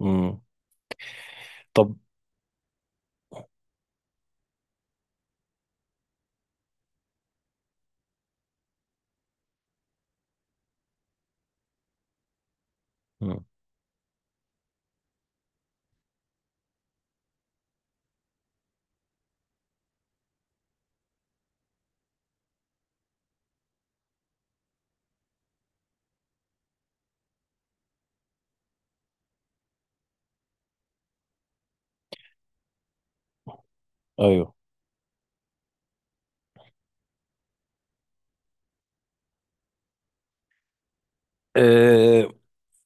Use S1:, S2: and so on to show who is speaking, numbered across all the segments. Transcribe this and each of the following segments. S1: امم. طب. مم. ايوه. أه،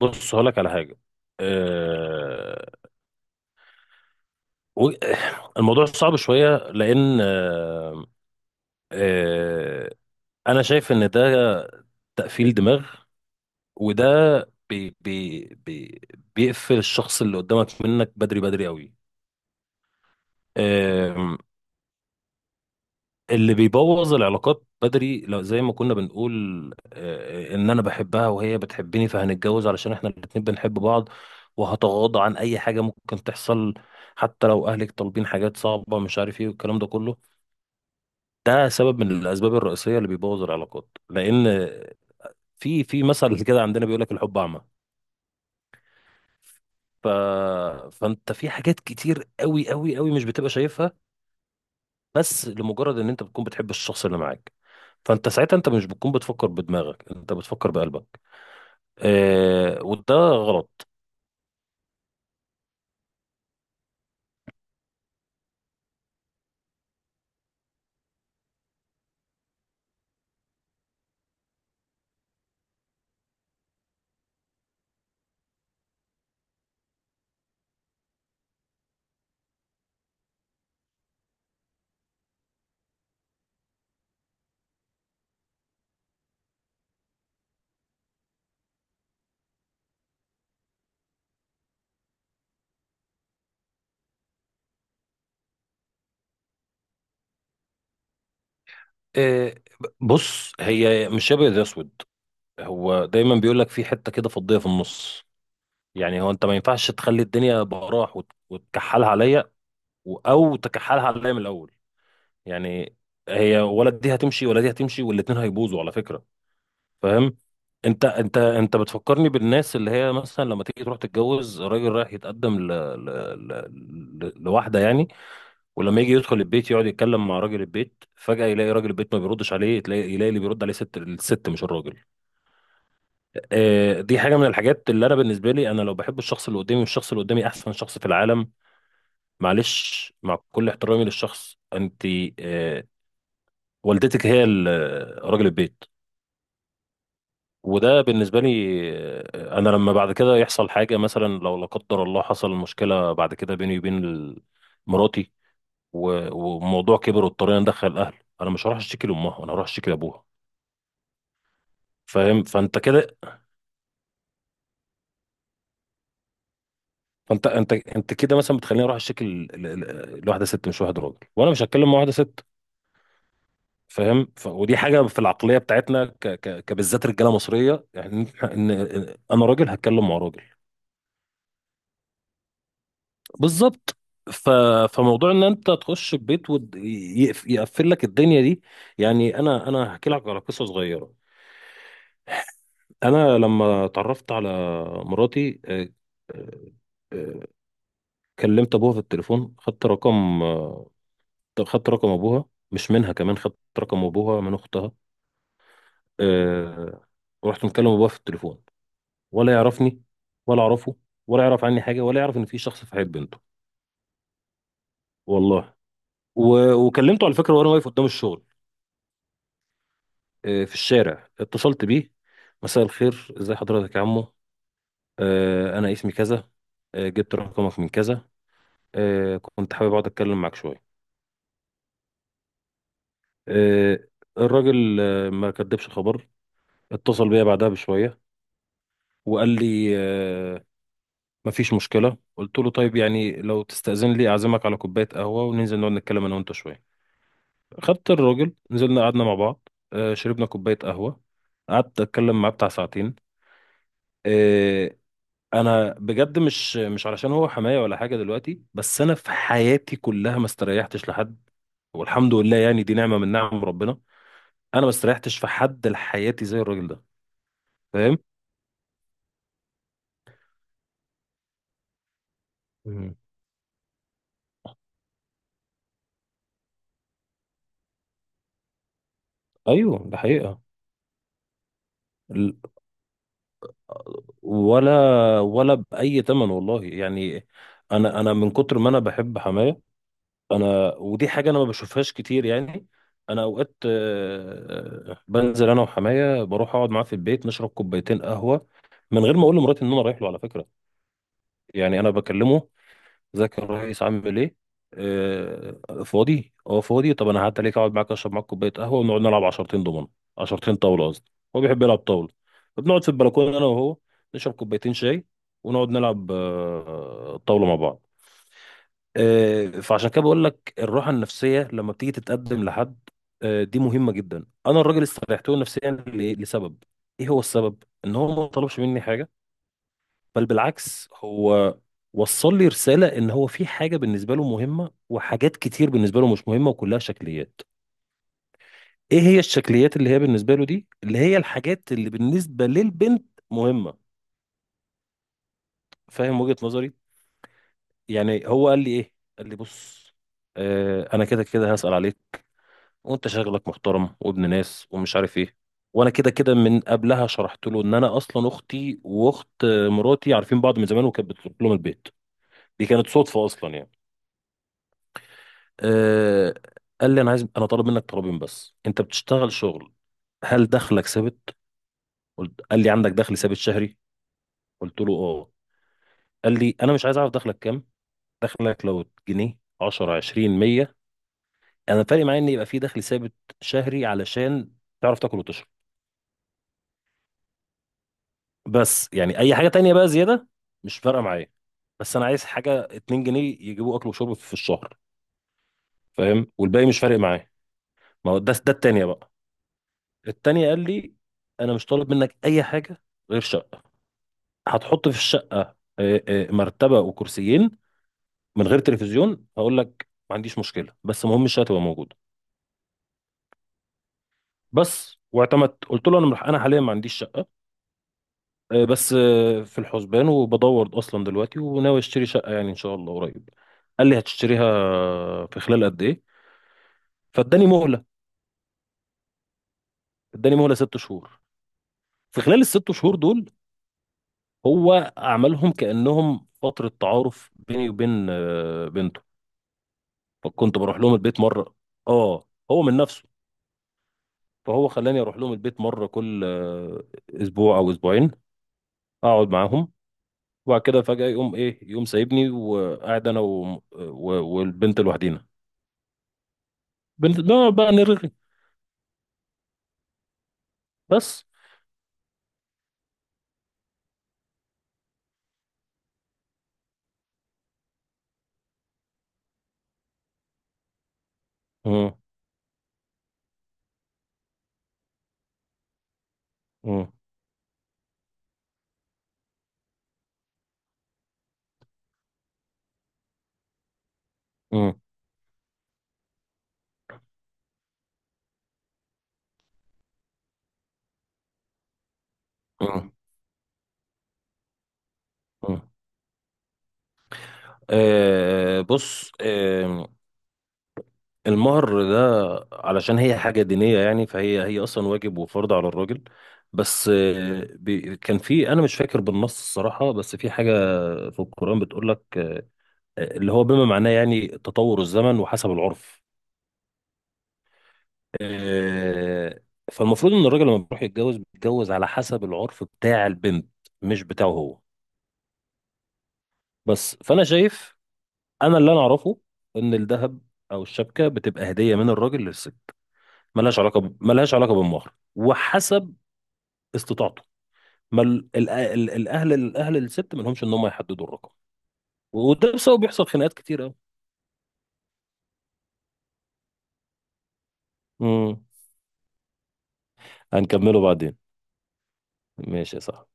S1: بص، هقول لك على حاجه. أه و- الموضوع صعب شويه لان أه أه انا شايف ان ده تقفيل دماغ. وده بي بي بي بيقفل الشخص اللي قدامك منك بدري بدري قوي. اللي بيبوظ العلاقات بدري، لو زي ما كنا بنقول ان انا بحبها وهي بتحبني، فهنتجوز علشان احنا الاتنين بنحب بعض، وهتغاضى عن اي حاجة ممكن تحصل، حتى لو اهلك طالبين حاجات صعبة مش عارف ايه والكلام ده كله. ده سبب من الاسباب الرئيسية اللي بيبوظ العلاقات، لان في في مثل كده عندنا بيقول لك الحب اعمى. ف... فانت في حاجات كتير قوي قوي قوي مش بتبقى شايفها، بس لمجرد ان انت بتكون بتحب الشخص اللي معاك، فانت ساعتها، انت مش بتكون بتفكر بدماغك، انت بتفكر بقلبك. وده غلط. آه بص، هي مش ابيض يا اسود، هو دايما بيقول لك في حته كده فضيه في النص. يعني هو انت ما ينفعش تخلي الدنيا براح وتكحلها عليا، او تكحلها عليا من الاول. يعني هي، ولا دي هتمشي ولا دي هتمشي، والاتنين هيبوظوا على فكره. فاهم؟ انت بتفكرني بالناس اللي هي مثلا لما تيجي تروح تتجوز، راجل رايح يتقدم ل... ل... لواحده يعني، ولما يجي يدخل البيت يقعد يتكلم مع راجل البيت، فجأة يلاقي راجل البيت ما بيردش عليه، تلاقي يلاقي اللي بيرد عليه ست. الست مش الراجل. دي حاجه من الحاجات اللي انا بالنسبه لي، انا لو بحب الشخص اللي قدامي، والشخص اللي قدامي احسن شخص في العالم، معلش مع كل احترامي للشخص، انت آه، والدتك هي راجل البيت. وده بالنسبة لي أنا لما بعد كده يحصل حاجة، مثلا لو لا قدر الله حصل مشكلة بعد كده بيني وبين مراتي، و- وموضوع كبر واضطرينا ندخل الأهل، أنا مش هروح أشتكي لأمها، أنا هروح أشتكي لأبوها. فاهم؟ فأنت كده، فأنت أنت أنت كده مثلا بتخليني أروح أشتكي لواحدة ست مش واحد راجل، وأنا مش هتكلم مع واحدة ست. فاهم؟ ودي حاجة في العقلية بتاعتنا، كبالذات رجالة مصرية يعني، إن أنا راجل هتكلم مع راجل. بالظبط. ف... فموضوع ان انت تخش البيت ويقفل لك الدنيا دي، يعني انا هحكي لك على قصه صغيره. انا لما اتعرفت على مراتي آه، آه، كلمت ابوها في التليفون، خدت رقم، خدت رقم ابوها، مش منها كمان، خدت رقم ابوها من اختها، آه، ورحت مكلم ابوها في التليفون، ولا يعرفني ولا اعرفه، ولا يعرف عني حاجه، ولا يعرف ان في شخص في حياه بنته. والله، وكلمته على فكره وانا واقف قدام الشغل، في الشارع اتصلت بيه. مساء الخير، ازي حضرتك يا عمو؟ انا اسمي كذا، جبت رقمك من كذا، كنت حابب اقعد اتكلم معاك شويه. آه، الراجل ما كدبش خبر، اتصل بيا بعدها بشويه وقال لي مفيش مشكله. قلت له طيب، يعني لو تستأذن لي اعزمك على كوبايه قهوه، وننزل نقعد نتكلم انا وانت شويه. خدت الراجل، نزلنا قعدنا مع بعض، شربنا كوبايه قهوه، قعدت اتكلم معاه بتاع ساعتين. آه، انا بجد مش مش علشان هو حماية ولا حاجة دلوقتي، بس انا في حياتي كلها ما استريحتش لحد، والحمد لله يعني، دي نعمة من نعم ربنا. انا ما استريحتش في حد لحياتي زي الراجل ده. فاهم؟ مم. ايوه، ده حقيقة. ال- ولا ولا بأي تمن والله يعني. انا من كتر ما انا بحب حماية، انا ودي حاجه انا ما بشوفهاش كتير يعني. انا اوقات بنزل انا وحماية، بروح اقعد معاه في البيت نشرب كوبايتين قهوه، من غير ما اقول لمراتي ان انا رايح له على فكره. يعني انا بكلمه: ازيك يا ريس، عامل ايه؟ فاضي؟ اه فاضي. طب انا هعدي عليك، اقعد معاك، اشرب معاك كوبايه قهوه، ونقعد نلعب عشرتين دومنه. عشرتين طاوله قصدي. هو بيحب يلعب طاوله. فبنقعد في البلكونه انا وهو، نشرب كوبايتين شاي، ونقعد نلعب طاوله مع بعض. فعشان كده بقول لك الراحه النفسيه لما بتيجي تتقدم لحد، دي مهمه جدا. انا الراجل استريحت له نفسيا لسبب. ايه هو السبب؟ ان هو ما طلبش مني حاجه، بل بالعكس، هو وصل لي رساله ان هو في حاجه بالنسبه له مهمه، وحاجات كتير بالنسبه له مش مهمه وكلها شكليات. ايه هي الشكليات اللي هي بالنسبه له دي؟ اللي هي الحاجات اللي بالنسبه للبنت مهمه. فاهم وجهه نظري؟ يعني هو قال لي ايه؟ قال لي بص، انا كده كده هسأل عليك، وانت شغلك محترم وابن ناس ومش عارف ايه. وانا كده كده من قبلها شرحت له ان انا اصلا اختي واخت مراتي عارفين بعض من زمان وكانت بتروح لهم البيت. دي كانت صدفه اصلا يعني. أه. قال لي انا عايز، انا طالب منك طلبين. بس انت بتشتغل شغل، هل دخلك ثابت؟ قلت، قال لي عندك دخل ثابت شهري؟ قلت له اه. قال لي انا مش عايز اعرف دخلك كام. دخلك لو جنيه، 10، 20، 100، انا فارق معايا ان يبقى في دخل ثابت شهري، علشان تعرف تاكل وتشرب. بس يعني اي حاجه تانية بقى زياده، مش فارقه معايا. بس انا عايز حاجه 2 جنيه يجيبوا اكل وشرب في الشهر. فاهم؟ والباقي مش فارق معايا. ما هو ده التانية بقى. التانية قال لي انا مش طالب منك اي حاجه غير شقه. هتحط في الشقه مرتبه وكرسيين، من غير تلفزيون هقول لك ما عنديش مشكله، بس المهم الشقه تبقى موجوده. بس واعتمدت، قلت له انا انا حاليا ما عنديش شقه، بس في الحسبان، وبدور اصلا دلوقتي وناوي اشتري شقه يعني ان شاء الله قريب. قال لي هتشتريها في خلال قد ايه؟ فاداني مهله. اداني مهله ست شهور. في خلال الست شهور دول، هو عملهم كانهم فتره تعارف بيني وبين بنته. فكنت بروح لهم البيت مره. اه، هو من نفسه. فهو خلاني اروح لهم البيت مره كل اسبوع او اسبوعين، اقعد معاهم، وبعد كده فجاه يقوم ايه؟ يقوم سايبني وقاعد انا والبنت لوحدينا، بنقعد بقى نرغي. بس. مم. مم. مم. مم. مم. بص، المهر ده، علشان هي حاجة دينية يعني، فهي أصلا واجب وفرض على الراجل. بس كان في، أنا مش فاكر بالنص الصراحة، بس في حاجة في القرآن بتقول لك اللي هو بما معناه يعني تطور الزمن وحسب العرف. آه فالمفروض إن الراجل لما بيروح يتجوز، بيتجوز على حسب العرف بتاع البنت، مش بتاعه هو. بس فانا شايف، انا اللي انا اعرفه ان الذهب او الشبكه بتبقى هديه من الراجل للست، ملهاش علاقه بالمهر، وحسب استطاعته. ما الاهل، الست ما لهمش ان هم يحددوا الرقم. وده بسبب بيحصل خناقات كتير قوي. امم. هنكمله بعدين. ماشي يا صاحبي.